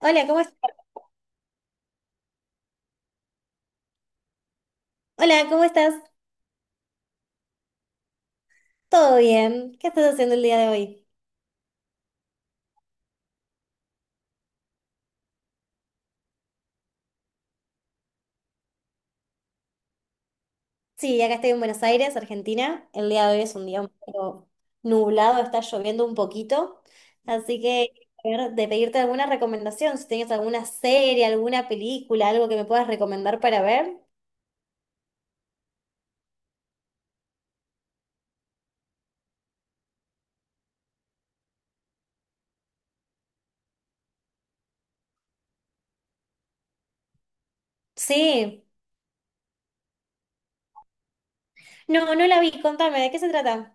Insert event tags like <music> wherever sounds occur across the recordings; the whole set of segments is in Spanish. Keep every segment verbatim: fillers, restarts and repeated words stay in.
Hola, ¿cómo estás? Hola, ¿cómo estás? ¿Todo bien? ¿Qué estás haciendo el día de hoy? Sí, acá estoy en Buenos Aires, Argentina. El día de hoy es un día un poco nublado, está lloviendo un poquito. Así que, a ver, de pedirte alguna recomendación, si tienes alguna serie, alguna película, algo que me puedas recomendar para ver. Sí. No, no la vi, contame, ¿de qué se trata?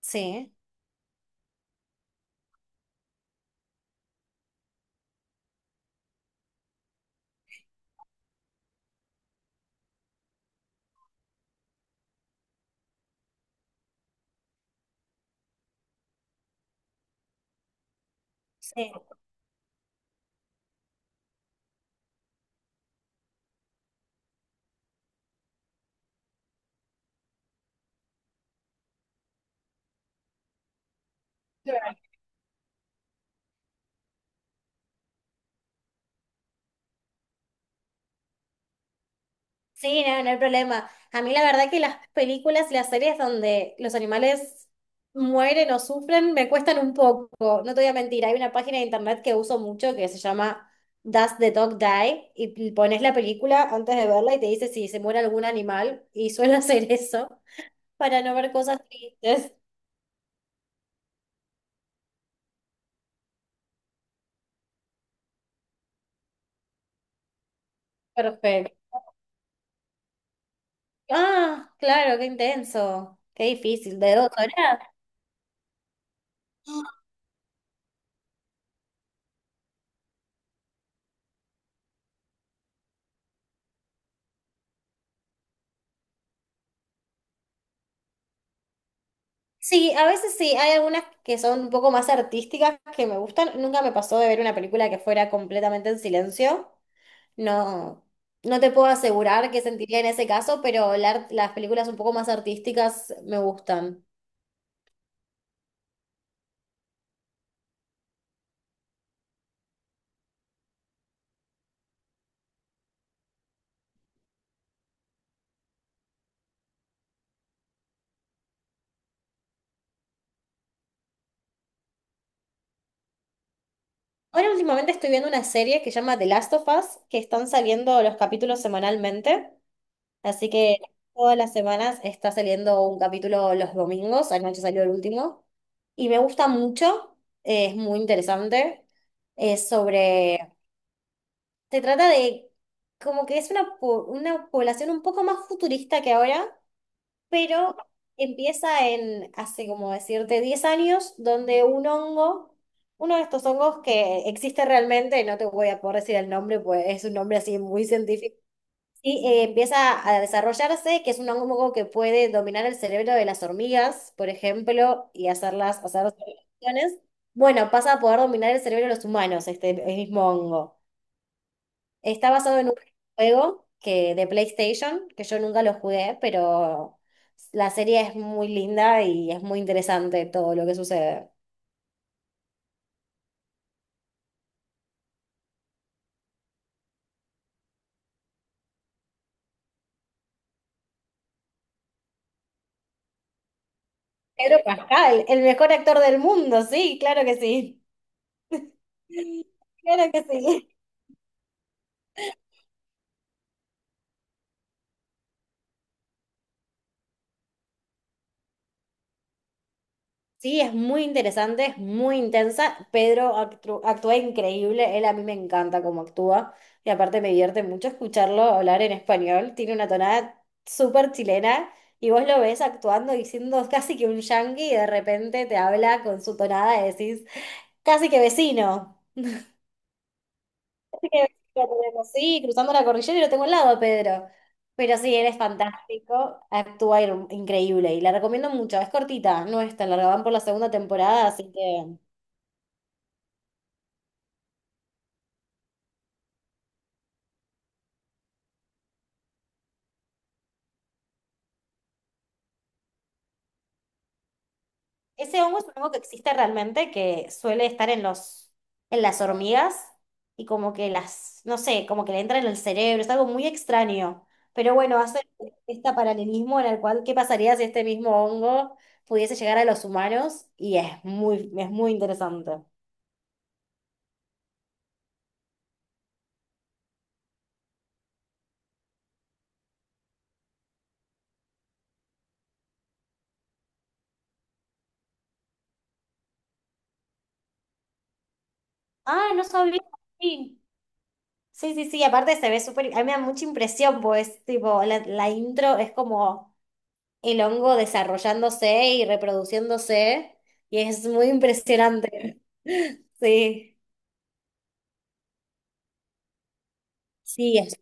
Sí. Sí. Sí, no, no hay problema. A mí la verdad que las películas y las series donde los animales mueren o sufren me cuestan un poco. No te voy a mentir, hay una página de internet que uso mucho que se llama Does the Dog Die? Y pones la película antes de verla y te dice si se muere algún animal y suelo <laughs> hacer eso para no ver cosas tristes. Perfecto. Ah, claro, qué intenso. Qué difícil. ¿De dos horas? Sí, a veces sí, hay algunas que son un poco más artísticas que me gustan. Nunca me pasó de ver una película que fuera completamente en silencio. No, no te puedo asegurar qué sentiría en ese caso, pero la ar- las películas un poco más artísticas me gustan. Ahora últimamente estoy viendo una serie que se llama The Last of Us, que están saliendo los capítulos semanalmente. Así que todas las semanas está saliendo un capítulo los domingos, anoche salió el último, y me gusta mucho, eh, es muy interesante, es sobre, se trata de como que es una, po- una población un poco más futurista que ahora, pero empieza en, hace como decirte, diez años, donde un hongo, uno de estos hongos que existe realmente, no te voy a poder decir el nombre, pues es un nombre así muy científico. Sí, eh, empieza a desarrollarse, que es un hongo que puede dominar el cerebro de las hormigas, por ejemplo, y hacerlas, hacer operaciones. Bueno, pasa a poder dominar el cerebro de los humanos, este el mismo hongo. Está basado en un juego que, de PlayStation, que yo nunca lo jugué, pero la serie es muy linda y es muy interesante todo lo que sucede. Pedro Pascal, el mejor actor del mundo, sí, claro que sí. <laughs> Claro que sí. Sí, es muy interesante, es muy intensa. Pedro actru- actúa increíble, él a mí me encanta cómo actúa y aparte me divierte mucho escucharlo hablar en español. Tiene una tonada súper chilena y vos lo ves actuando y siendo casi que un yangui y de repente te habla con su tonada y decís, casi que vecino. Lo tenemos, sí, cruzando la cordillera y lo tengo al lado, Pedro. Pero sí, él es fantástico, actúa ir- increíble y la recomiendo mucho. Es cortita, no es tan larga, van por la segunda temporada, así que... Ese hongo es un hongo que existe realmente, que suele estar en los, en las hormigas y como que las, no sé, como que le entra en el cerebro, es algo muy extraño. Pero bueno, hace este paralelismo en el cual, ¿qué pasaría si este mismo hongo pudiese llegar a los humanos? Y es muy, es muy interesante. Ah, no sabía. Sí, sí, sí, sí, aparte se ve súper, a mí me da mucha impresión, pues, tipo, la, la intro es como el hongo desarrollándose y reproduciéndose y es muy impresionante. <laughs> Sí, sí. es-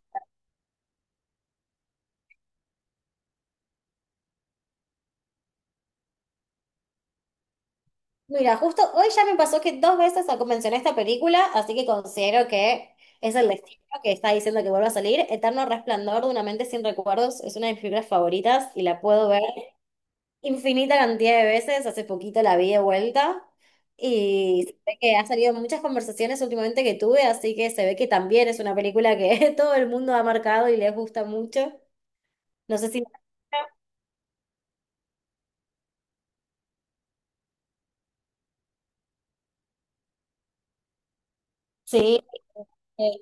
Mira, justo hoy ya me pasó que dos veces mencioné esta película, así que considero que es el destino que está diciendo que vuelva a salir. Eterno Resplandor de una mente sin recuerdos es una de mis películas favoritas y la puedo ver infinita cantidad de veces, hace poquito la vi de vuelta y se ve que ha salido en muchas conversaciones últimamente que tuve, así que se ve que también es una película que <laughs> todo el mundo ha marcado y les gusta mucho. No sé si... Sí, eh,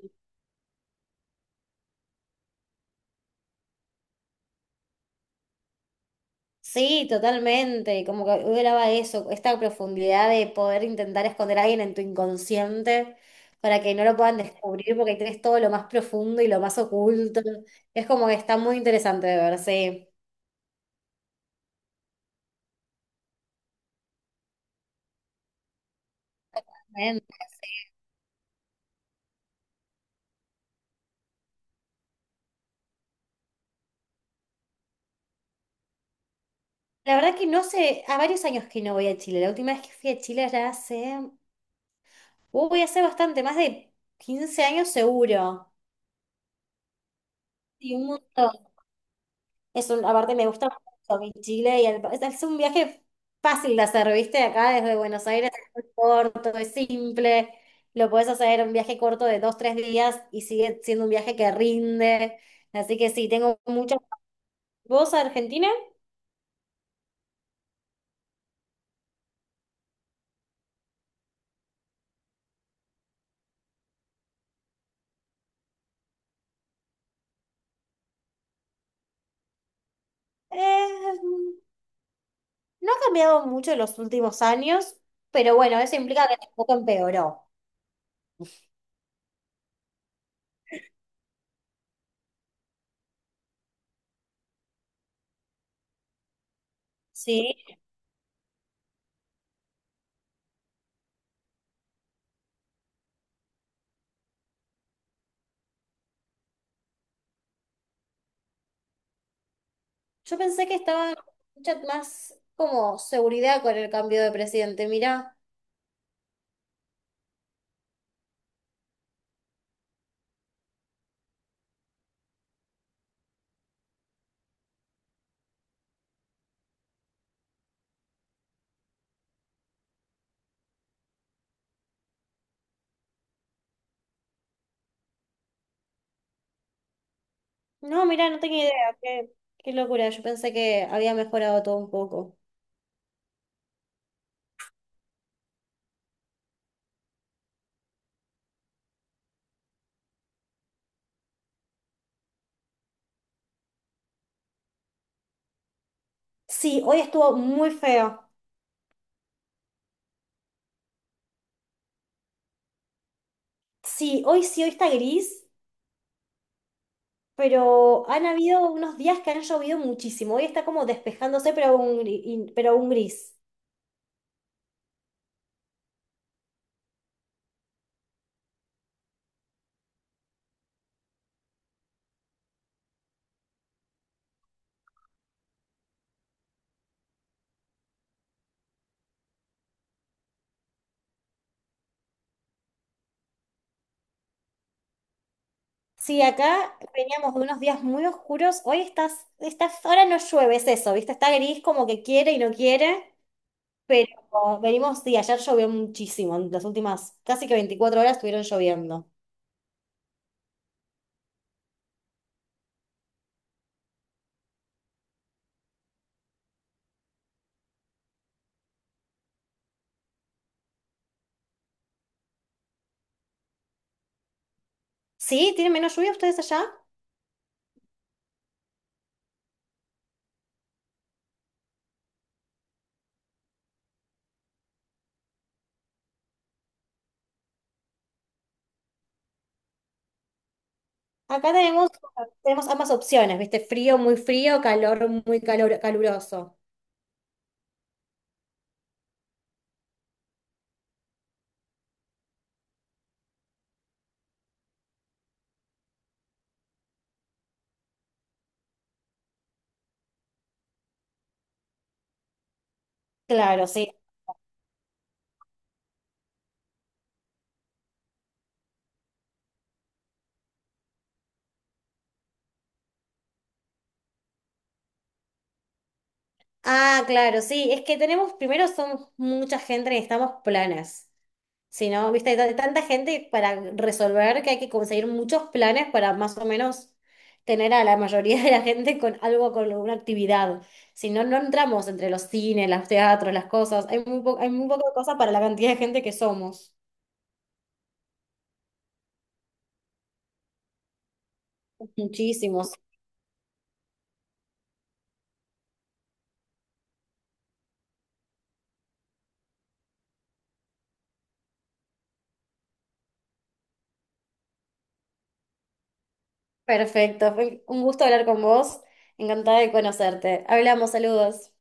sí, totalmente, como que graba eso, esta profundidad de poder intentar esconder a alguien en tu inconsciente para que no lo puedan descubrir porque tienes todo lo más profundo y lo más oculto. Es como que está muy interesante de ver, sí. La verdad que no sé, a varios años que no voy a Chile. La última vez que fui a Chile ya hace, uh, voy a hacer bastante, más de quince años seguro. Y un montón. Es un, aparte me gusta mucho mi Chile y el- es es un viaje fácil de hacer, ¿viste? Acá desde Buenos Aires es muy corto, es simple. Lo puedes hacer un viaje corto de dos, tres días y sigue siendo un viaje que rinde. Así que sí, tengo muchas. ¿Vos a Argentina? Eh, No ha cambiado mucho en los últimos años, pero bueno, eso implica que tampoco empeoró, ¿sí? Yo pensé que estaba mucha más como seguridad con el cambio de presidente, mirá. No, mirá, no tenía idea, qué, qué locura, yo pensé que había mejorado todo un poco. Sí, hoy estuvo muy feo. Sí, hoy sí, hoy está gris, pero han habido unos días que han llovido muchísimo. Hoy está como despejándose, pero un, gri- pero un gris. Sí, acá veníamos de unos días muy oscuros. Hoy estás, estás, ahora no llueve, es eso, ¿viste? Está gris como que quiere y no quiere, pero venimos, sí, ayer llovió muchísimo, en las últimas casi que veinticuatro horas estuvieron lloviendo. ¿Sí? ¿Tienen menos lluvia ustedes allá? Acá tenemos, tenemos ambas opciones, ¿viste? Frío, muy frío, calor, muy calor, caluroso. Claro, sí. Ah, claro, sí, es que tenemos, primero somos mucha gente, necesitamos planes. Si no, viste, hay ta- tanta gente para resolver que hay que conseguir muchos planes para más o menos tener a la mayoría de la gente con algo, con alguna actividad. Si no, no entramos entre los cines, los teatros, las cosas. Hay muy po- hay muy poca cosa para la cantidad de gente que somos. Muchísimos. Perfecto, fue un gusto hablar con vos. Encantada de conocerte. Hablamos, saludos.